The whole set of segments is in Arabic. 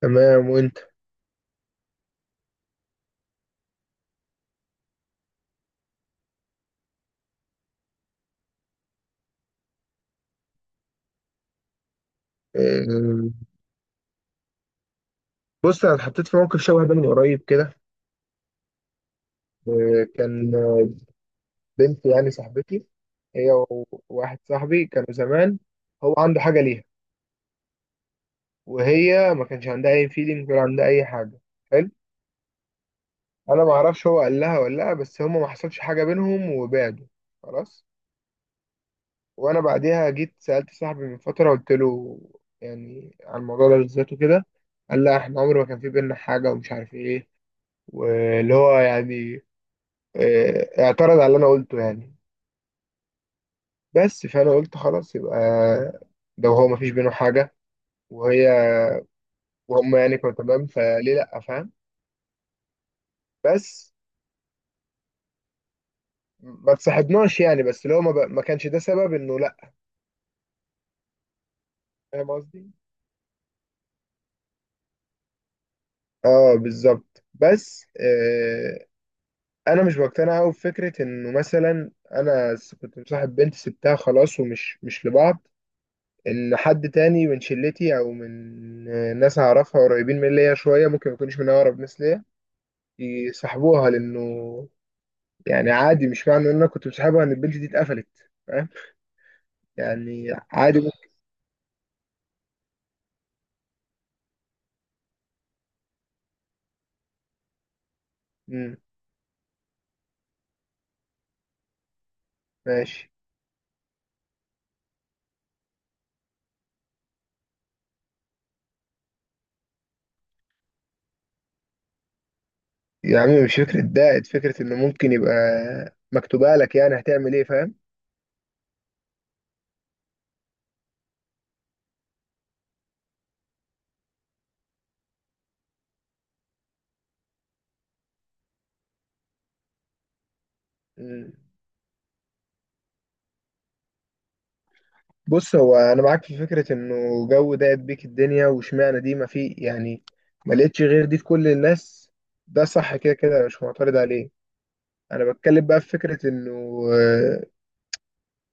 تمام، وانت؟ آه، بص، انا اتحطيت في موقف شبه ده من قريب كده. كان بنت يعني صاحبتي. هي وواحد صاحبي كانوا زمان. هو عنده حاجه ليها، وهي ما كانش عندها اي فيلينج ولا عندها اي حاجه. حلو. انا ما اعرفش هو قال لها ولا لا، بس هما ما حصلش حاجه بينهم وبعدوا. خلاص. وانا بعديها جيت سالت صاحبي من فتره، قلت له يعني عن الموضوع ده بالذات وكده. قال لا، احنا عمر ما كان في بينا حاجه ومش عارف ايه. واللي هو يعني اعترض على اللي انا قلته يعني. بس فانا قلت خلاص، يبقى ده، وهو مفيش بينه حاجه. وهي وهم يعني كانوا تمام، فليه لا، فاهم؟ بس ما تصاحبناش يعني. بس لو ما كانش ده سبب انه لا. فاهم قصدي. اه بالظبط. بس انا مش بقتنع قوي بفكره انه مثلا انا كنت مصاحب بنت، سبتها خلاص، ومش مش لبعض. ان حد تاني من شلتي او من ناس اعرفها قريبين من ليا شويه، ممكن ما يكونش من اقرب ناس ليا، يسحبوها. لانه يعني عادي، مش معنى ان انا كنت بسحبها ان البيج دي اتقفلت. فاهم يعني. عادي ممكن. مم. ماشي. يا عم مش فكرة دائت، فكرة انه ممكن يبقى مكتوبة لك، يعني هتعمل ايه؟ فاهم. مم. بص، هو انا معاك في فكرة انه جو دائت بيك الدنيا، واشمعنى دي، ما في يعني، ما لقيتش غير دي في كل الناس. ده صح كده كده، مش معترض عليه. انا بتكلم بقى في فكرة انه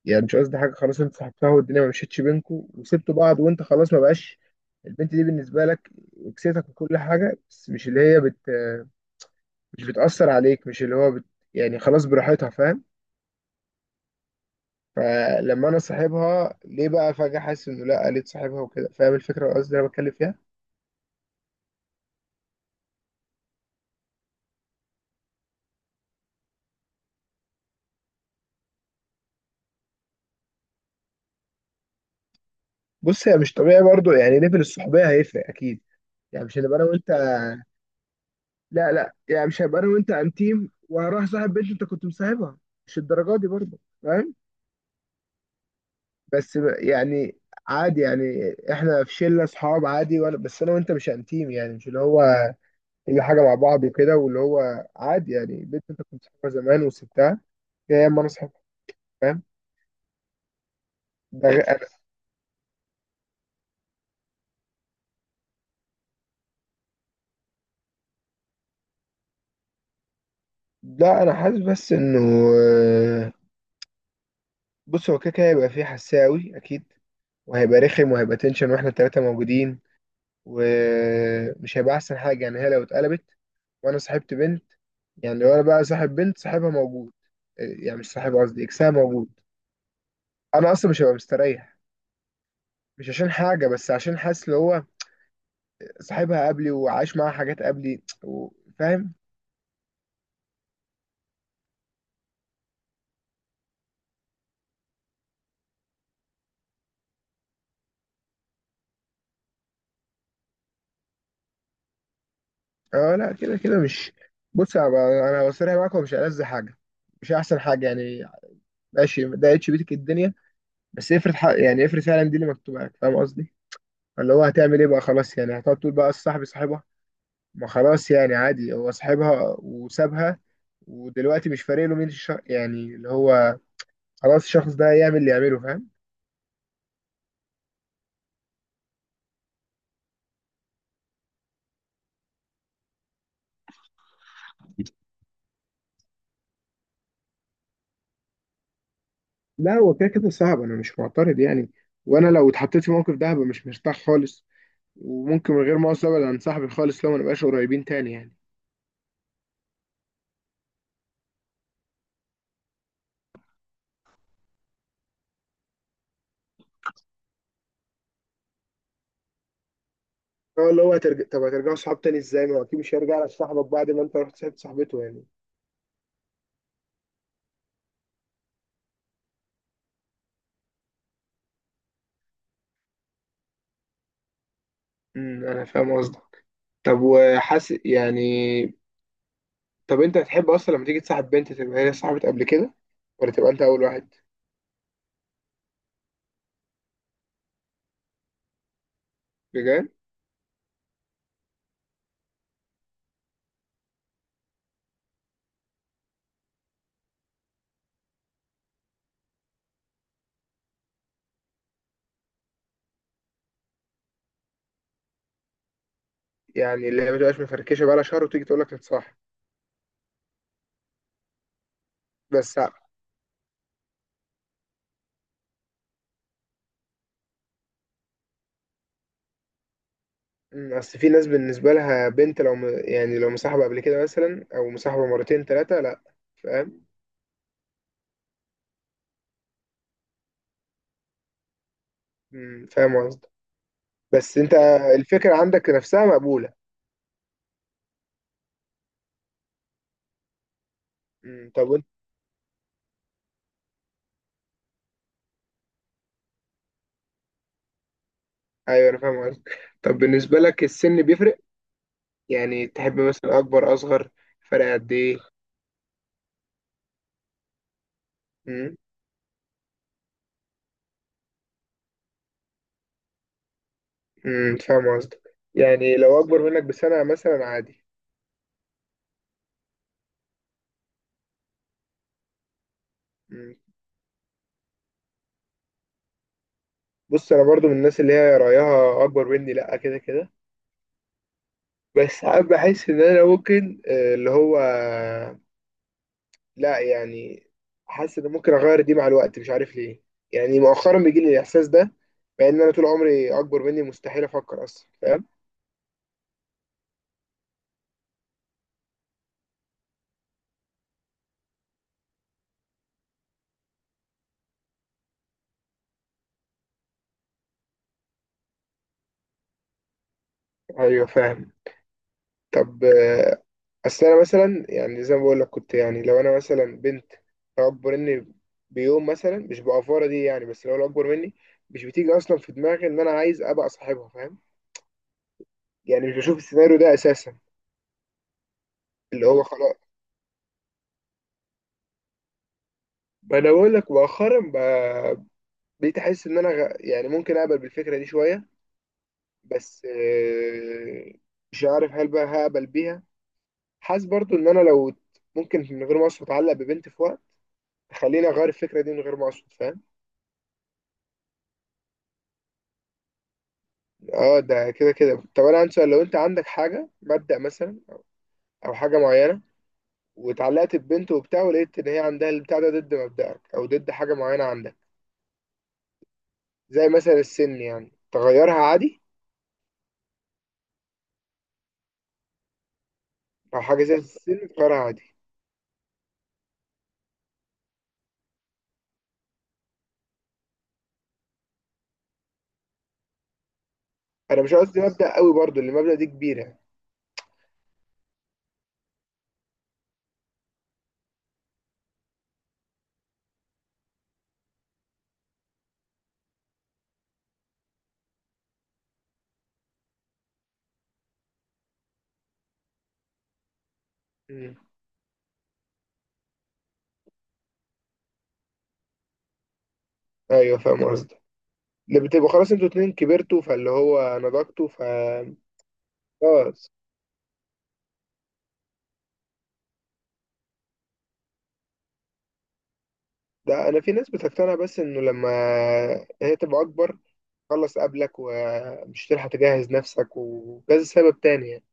يعني مش قصدي حاجه. خلاص، انت صاحبتها والدنيا ما مشيتش بينكوا، وسبتوا بعض، وانت خلاص ما بقاش البنت دي بالنسبه لك، كسيتك وكل حاجه. بس مش اللي هي بت، مش بتاثر عليك، مش اللي هو بت، يعني خلاص، براحتها. فاهم. فلما انا صاحبها ليه بقى فجاه، حاسس انه لا قالت صاحبها وكده. فاهم الفكره، قصدي انا بتكلم فيها. بص، هي مش طبيعي برضو. يعني ليفل الصحوبيه هيفرق اكيد. يعني مش هنبقى انا وانت. لا لا، يعني مش هبقى انا وانت انتيم وهروح صاحب بنت انت كنت مصاحبها. مش الدرجه دي برضو. فاهم. بس يعني عادي، يعني احنا في شله اصحاب عادي، وانا بس انا وانت مش انتيم يعني، مش اللي هو كل حاجه مع بعض وكده، واللي هو عادي يعني البنت انت كنت صاحبها زمان وسبتها، يا اما انا صاحبها. فاهم. ده غ- أنا... لا انا حاسس بس انه آه، بص، هو كده كده هيبقى فيه حساوي اكيد، وهيبقى رخم وهيبقى تنشن واحنا التلاته موجودين، ومش هيبقى احسن حاجه. يعني هي لو اتقلبت وانا صاحبت بنت، يعني لو انا بقى صاحب بنت صاحبها موجود، يعني مش صاحب قصدي، اكسها موجود، انا اصلا مش هبقى مستريح. مش عشان حاجه، بس عشان حاسس اللي هو صاحبها قبلي وعايش معاها حاجات قبلي فاهم. اه لا كده كده مش. بص انا أنا بصريح معاك، هو مش ألذ حاجه، مش احسن حاجه يعني. ماشي ما ضايقتش بيتك الدنيا، بس افرض حق، يعني افرض فعلا دي اللي مكتوبه لك، فاهم قصدي. اللي هو هتعمل ايه بقى خلاص؟ يعني هتقعد تقول بقى صاحبي صاحبها. ما خلاص، يعني عادي هو صاحبها وسابها، ودلوقتي مش فارق له مين الشخص، يعني اللي هو خلاص الشخص ده يعمل اللي يعمله. فاهم. لا هو كده كده صعب، انا مش معترض يعني. وانا لو اتحطيت في موقف ده هبقى مش مرتاح خالص، وممكن من غير مؤاخذه ابعد عن صاحبي خالص لو ما نبقاش قريبين تاني يعني. هو اللي هو طب هترجعوا صحاب تاني ازاي؟ ما هو اكيد مش هيرجع لك صاحبك بعد ما انت رحت صاحبت صاحبته يعني. امم، انا فاهم قصدك. طب وحاسس يعني. طب انت هتحب اصلا لما تيجي تصاحب بنت تبقى هي صاحبت قبل كده، ولا تبقى انت اول واحد؟ بجد؟ يعني اللي هي ما تبقاش مفركشه بقى لها شهر وتيجي تقول لك نتصاحب. بس. مم، اصل في ناس بالنسبه لها بنت لو يعني لو مصاحبه قبل كده مثلا او مصاحبه مرتين ثلاثه لا. فاهم. مم، فاهم قصدك. بس انت الفكره عندك نفسها مقبوله. مم، طب وانت. ايوه انا فاهم قصدك. طب بالنسبه لك السن بيفرق؟ يعني تحب مثلا اكبر، اصغر، فرق قد ايه؟ مم. مم، فاهم قصدك. يعني لو اكبر منك بسنه مثلا عادي. مم. بص انا برضو من الناس اللي هي رايها اكبر مني لا، كده كده. بس ساعات بحس ان انا ممكن اللي هو لا يعني حاسس ان ممكن اغير دي مع الوقت، مش عارف ليه. يعني مؤخرا بيجي لي الاحساس ده، مع ان انا طول عمري اكبر مني مستحيل افكر اصلا. فاهم. ايوه فاهم. طب اصل انا مثلا يعني زي ما بقول لك كنت، يعني لو انا مثلا بنت، لو اكبر مني بيوم مثلا، مش بأفورة دي يعني، بس لو اكبر مني، مش بتيجي اصلا في دماغي ان انا عايز ابقى صاحبها. فاهم. يعني مش بشوف السيناريو ده اساسا. اللي هو خلاص، ما انا بقول لك مؤخرا بقيت احس ان انا يعني ممكن اقبل بالفكره دي شويه. بس مش عارف هل بقى هقبل بيها. حاسس برضو ان انا لو ممكن من غير ما اقصد اتعلق ببنت في وقت تخليني اغير الفكره دي من غير ما اقصد. فاهم. اه، ده كده كده. طب انا عندي سؤال. لو انت عندك حاجه مبدأ مثلا، او حاجه معينه، واتعلقت ببنت وبتاع، ولقيت ان هي عندها البتاع ده ضد مبدأك او ضد حاجه معينه عندك، زي مثلا السن، يعني تغيرها عادي؟ او حاجه زي السن تغيرها عادي؟ انا مش قصدي مبدأ قوي برضو، اللي المبدأ دي كبيره. مم. ايوه فاهم قصدي. ده بتبقوا خلاص انتوا اتنين كبرتوا فاللي هو نضجتوا خلاص. ده انا في ناس بتقتنع بس انه لما هي تبقى اكبر، خلص قبلك ومش تلحق تجهز نفسك، وكذا سبب تاني يعني.